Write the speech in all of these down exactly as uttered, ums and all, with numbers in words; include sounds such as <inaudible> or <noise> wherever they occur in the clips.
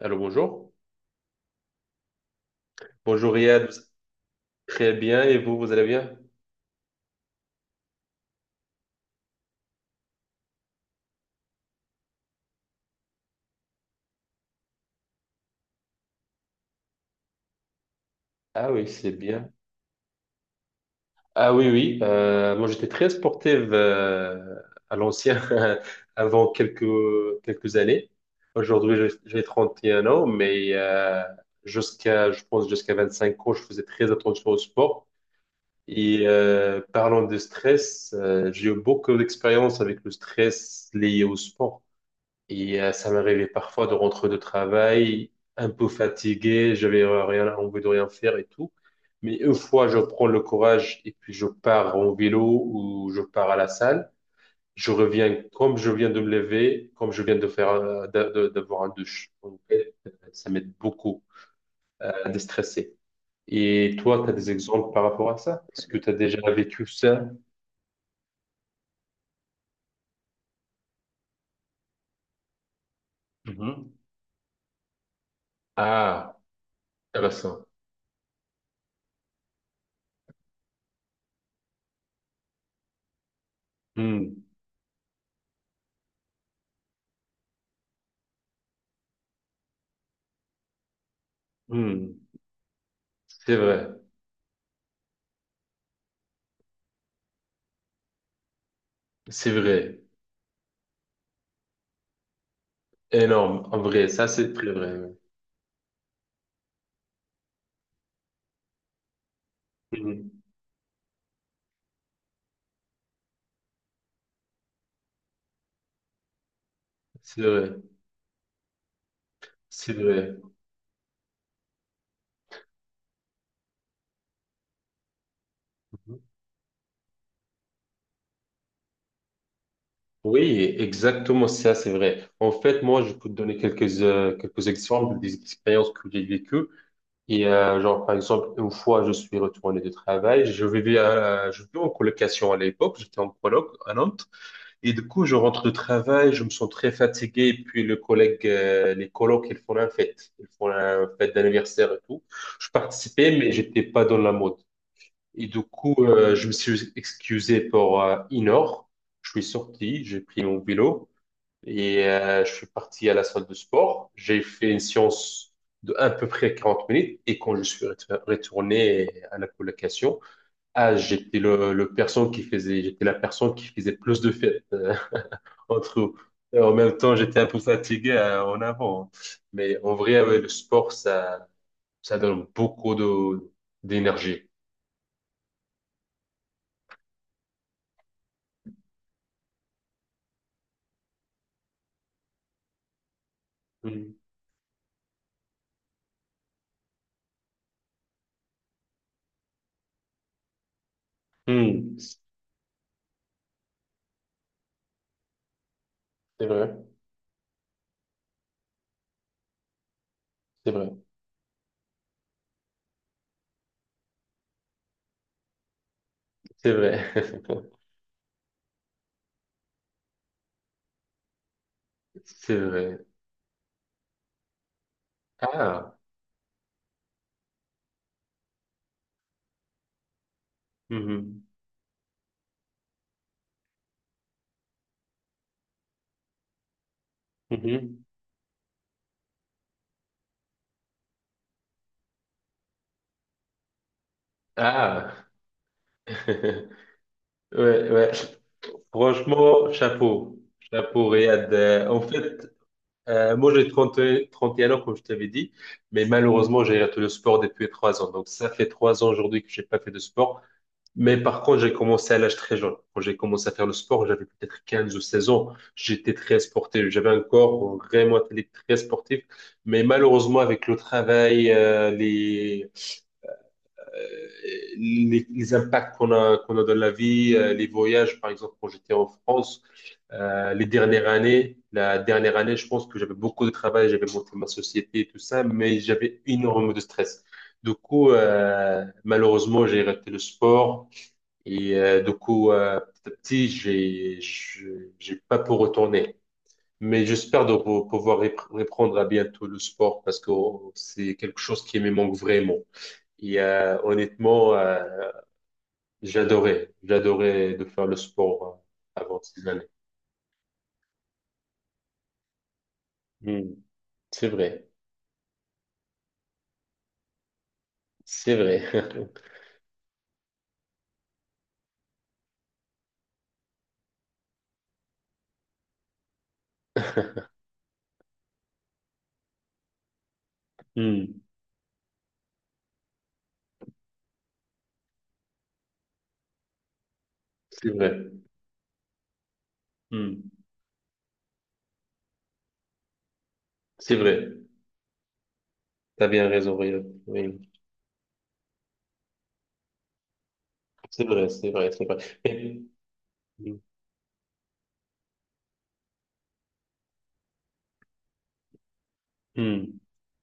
Allô, bonjour. Bonjour Riyad, vous très bien et vous, vous allez bien? Ah oui, c'est bien. Ah oui, oui. Euh, moi, j'étais très sportive, euh, à l'ancien, <laughs> avant quelques, quelques années. Aujourd'hui, je- j'ai trente et un ans, mais euh, jusqu'à, je pense, jusqu'à vingt cinq ans, je faisais très attention au sport. Et euh, parlant de stress, euh, j'ai eu beaucoup d'expérience avec le stress lié au sport. Et euh, ça m'arrivait parfois de rentrer de travail un peu fatigué, j'avais rien envie de rien faire et tout. Mais une fois, je prends le courage et puis je pars en vélo ou je pars à la salle. Je reviens comme je viens de me lever, comme je viens de faire, euh, d'a- de- d'avoir un douche. En fait, euh, ça m'aide beaucoup à déstresser. Et toi, tu as des exemples par rapport à ça? Est-ce que tu as déjà vécu ça? Mhm. Ah, intéressant. Hmm, hmm. C'est vrai, c'est vrai. Énorme, en vrai, ça c'est très vrai. Oui. Mhm. C'est vrai, c'est vrai. Mhm. Oui, exactement ça, c'est vrai. En fait, moi, je peux te donner quelques, euh, quelques exemples des expériences que j'ai vécues. Et euh, genre, par exemple, une fois, je suis retourné de travail, je vivais, à, euh, je vivais en colocation à l'époque, j'étais en coloc à Nantes. Et du coup, je rentre de travail, je me sens très fatigué. Et puis, le collègue, euh, les colocs, ils font la fête. Ils font la fête d'anniversaire et tout. Je participais, mais j'étais pas dans la mode. Et du coup, euh, je me suis excusé pour euh, une heure. Je suis sorti, j'ai pris mon vélo et euh, je suis parti à la salle de sport. J'ai fait une séance de à peu près quarante minutes et quand je suis ret- retourné à la colocation, ah, j'étais le, le personne qui faisait, j'étais la personne qui faisait plus de fêtes, euh, <laughs> entre nous. Et en même temps, j'étais un peu fatigué, euh, en avant, hein. Mais en vrai, ouais, le sport, ça, ça donne beaucoup de d'énergie. Mm. Mm. C'est vrai. C'est vrai, c'est vrai, <laughs> c'est vrai. Ah, mhm, mhm. Ah, <laughs> ouais, ouais. Franchement, chapeau, chapeau, Riyad. Euh, en fait, euh, moi j'ai trente trente et trente et un ans, comme je t'avais dit, mais malheureusement, j'ai arrêté le sport depuis trois ans. Donc, ça fait trois ans aujourd'hui que j'ai pas fait de sport. Mais par contre, j'ai commencé à l'âge très jeune. Quand j'ai commencé à faire le sport, j'avais peut-être quinze ou seize ans. J'étais très sportif. J'avais un corps vraiment athlétique, très sportif. Mais malheureusement, avec le travail, euh, les, euh, les, les impacts qu'on a, qu'on a dans la vie, euh, les voyages, par exemple, quand j'étais en France, euh, les dernières années, la dernière année, je pense que j'avais beaucoup de travail, j'avais monté ma société et tout ça, mais j'avais énormément de stress. Du coup, euh, malheureusement, j'ai arrêté le sport. Et euh, du coup, euh, petit à petit, j'ai, je- j'ai pas pour retourner. Mais j'espère de re- pouvoir rep- reprendre à bientôt le sport parce que oh, c'est quelque chose qui me manque vraiment. Et euh, honnêtement, euh, j'adorais, j'adorais de faire le sport, euh, avant ces années. Hmm. C'est vrai, c'est vrai. <laughs> Hmm. C'est vrai. Hmm. C'est vrai. T'as bien raison, Ryan. Oui, c'est vrai, c'est vrai, c'est vrai. Mais- Hmm.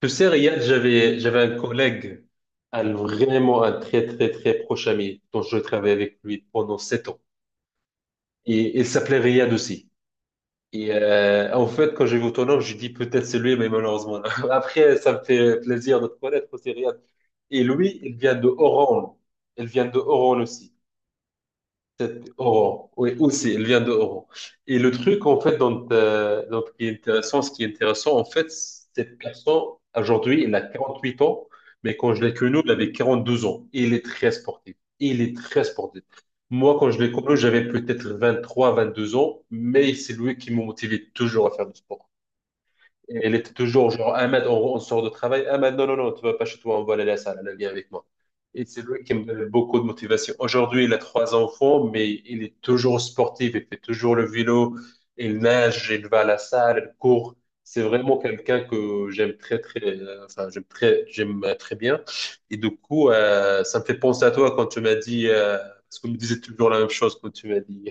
Tu sais, Riyad, j'avais, j'avais un collègue, un- vraiment un très, très, très proche ami, dont je travaillais avec lui pendant sept ans. Et il s'appelait Riyad aussi. Et euh, en fait, quand j'ai vu ton nom, j'ai dit peut-être c'est lui, mais malheureusement, non. <laughs> Après, ça me fait plaisir de te connaître aussi, Riyad. Et lui, il vient de Oran. Il vient de Oran aussi. Sept euros. Oui, aussi, elle vient de euros. Et le truc, en fait, dont, euh, dont qui est intéressant, ce qui est intéressant, en fait, cette personne, aujourd'hui, elle a quarante-huit ans, mais quand je l'ai connu, elle avait quarante-deux ans. Et il est très sportif. Il est très sportif. Moi, quand je l'ai connu, j'avais peut-être vingt-trois, vingt-deux ans, mais c'est lui qui m'a motivé toujours à faire du sport. Et elle était toujours genre, Ahmed, on, on sort de travail. Ahmed, non, non, non, tu vas pas chez toi, on va aller à la salle, elle vient avec moi. Et c'est lui qui me donne beaucoup de motivation. Aujourd'hui, il a trois enfants, mais il est toujours sportif, il fait toujours le vélo, il nage, il va à la salle, il court. C'est vraiment quelqu'un que j'aime très, très, euh, enfin, j'aime très, j'aime euh, très bien. Et du coup, euh, ça me fait penser à toi quand tu m'as dit, euh, parce qu'on me disait toujours la même chose quand tu m'as dit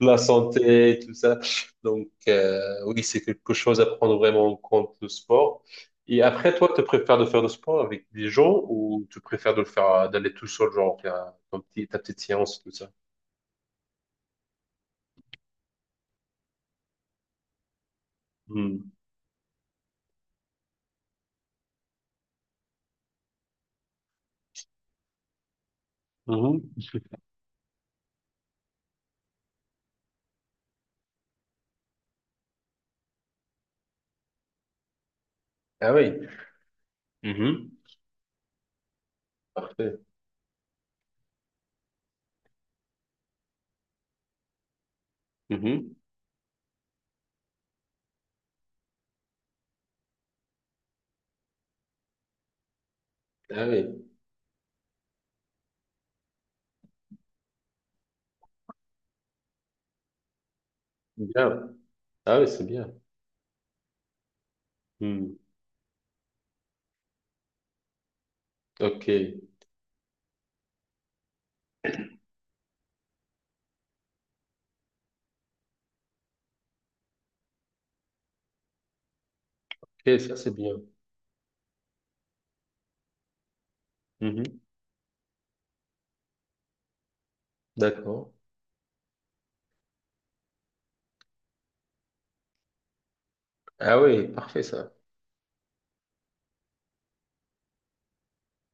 la santé, tout ça. Donc, euh, oui, c'est quelque chose à prendre vraiment en compte, le sport. Et après, toi, tu préfères de faire le sport avec des gens ou tu préfères de le faire, euh, d'aller tout seul, genre, faire ton petit, ta petite séance, tout ça? Hmm. Mhm. Ah oui. Mhm. Parfait. Mhm. Ah oui. Bien. Ah oui, c'est bien. Hmm. OK. OK, ça, c'est bien. Mhm. D'accord. Ah oui, parfait, ça.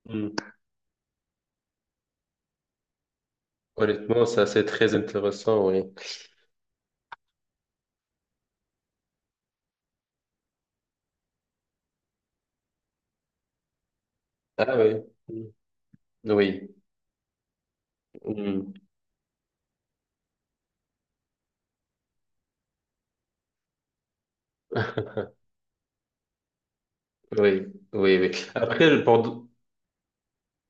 Hmm. Honnêtement, ça, c'est très intéressant, oui. Ah oui. Hmm. Oui. Hmm. <laughs> Oui, oui, oui. Après, pour,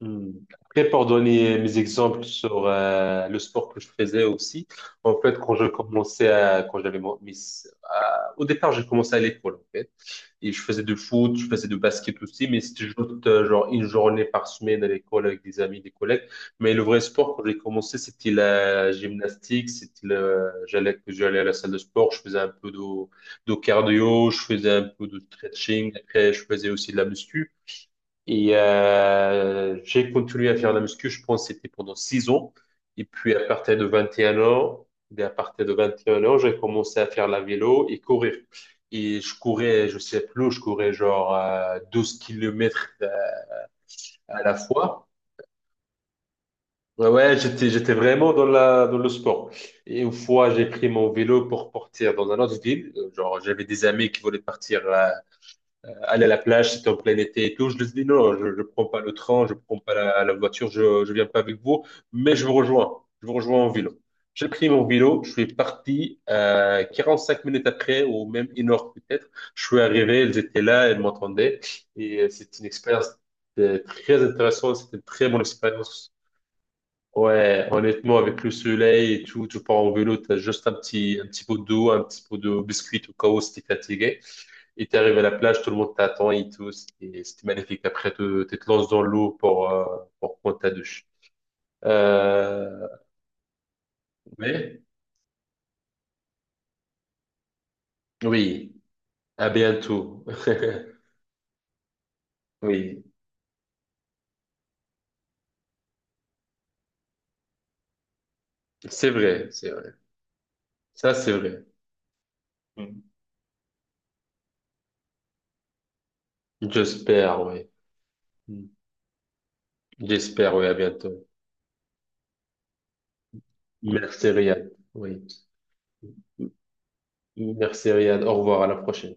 hmm. Après, pour donner mes exemples sur, euh, le sport que je faisais aussi, en fait, quand je commençais à, quand j'avais mon- mis, à- au départ, j'ai commencé à l'école, en fait. Et je faisais de foot, je faisais de basket aussi, mais c'était juste, euh, genre une journée par semaine à l'école avec des amis, des collègues. Mais le vrai sport, quand j'ai commencé, c'était la gymnastique, c'était le... j'allais, j'allais à la salle de sport, je faisais un peu de, de cardio, je faisais un peu de stretching, après je faisais aussi de la muscu. Et euh, j'ai continué à faire la muscu, je pense que c'était pendant six ans. Et puis à partir de vingt et un ans, dès à partir de vingt et un ans, j'ai commencé à faire la vélo et courir. Et je courais, je sais plus, je courais genre, euh, douze kilomètres, euh, à la fois. Ouais, ouais, j'étais, j'étais vraiment dans la, dans le sport. Et une fois, j'ai pris mon vélo pour partir dans un autre ville. Euh, Genre, j'avais des amis qui voulaient partir, euh, aller à la plage, c'était en plein été et tout. Je lui ai dit non, je ne prends pas le train, je ne prends pas la, la voiture, je ne viens pas avec vous, mais je vous rejoins. Je vous rejoins en vélo. J'ai pris mon vélo, je suis parti. euh, quarante-cinq minutes après, ou même une heure peut-être, je suis arrivé, elles étaient là, elles m'entendaient. Et euh, c'est une expérience, euh, très intéressante, c'était une très bonne expérience. Ouais, honnêtement, avec le soleil et tout, tu pars en vélo, tu as juste un petit, un petit, pot d'eau, un petit pot de biscuit au cas où si t'es fatigué. Et t'es arrivé à la plage, tout le monde t'attend et tout. C'était c'était magnifique. Après, te- tu te lances dans l'eau pour, euh, pour prendre ta douche. Euh, mais, oui, à bientôt. <laughs> Oui, c'est vrai, c'est vrai. Ça, c'est vrai. Mm. J'espère, oui. Mm. J'espère, oui, à bientôt. Merci, Riyad. Oui. M- Merci, Riyad. Au revoir, à la prochaine.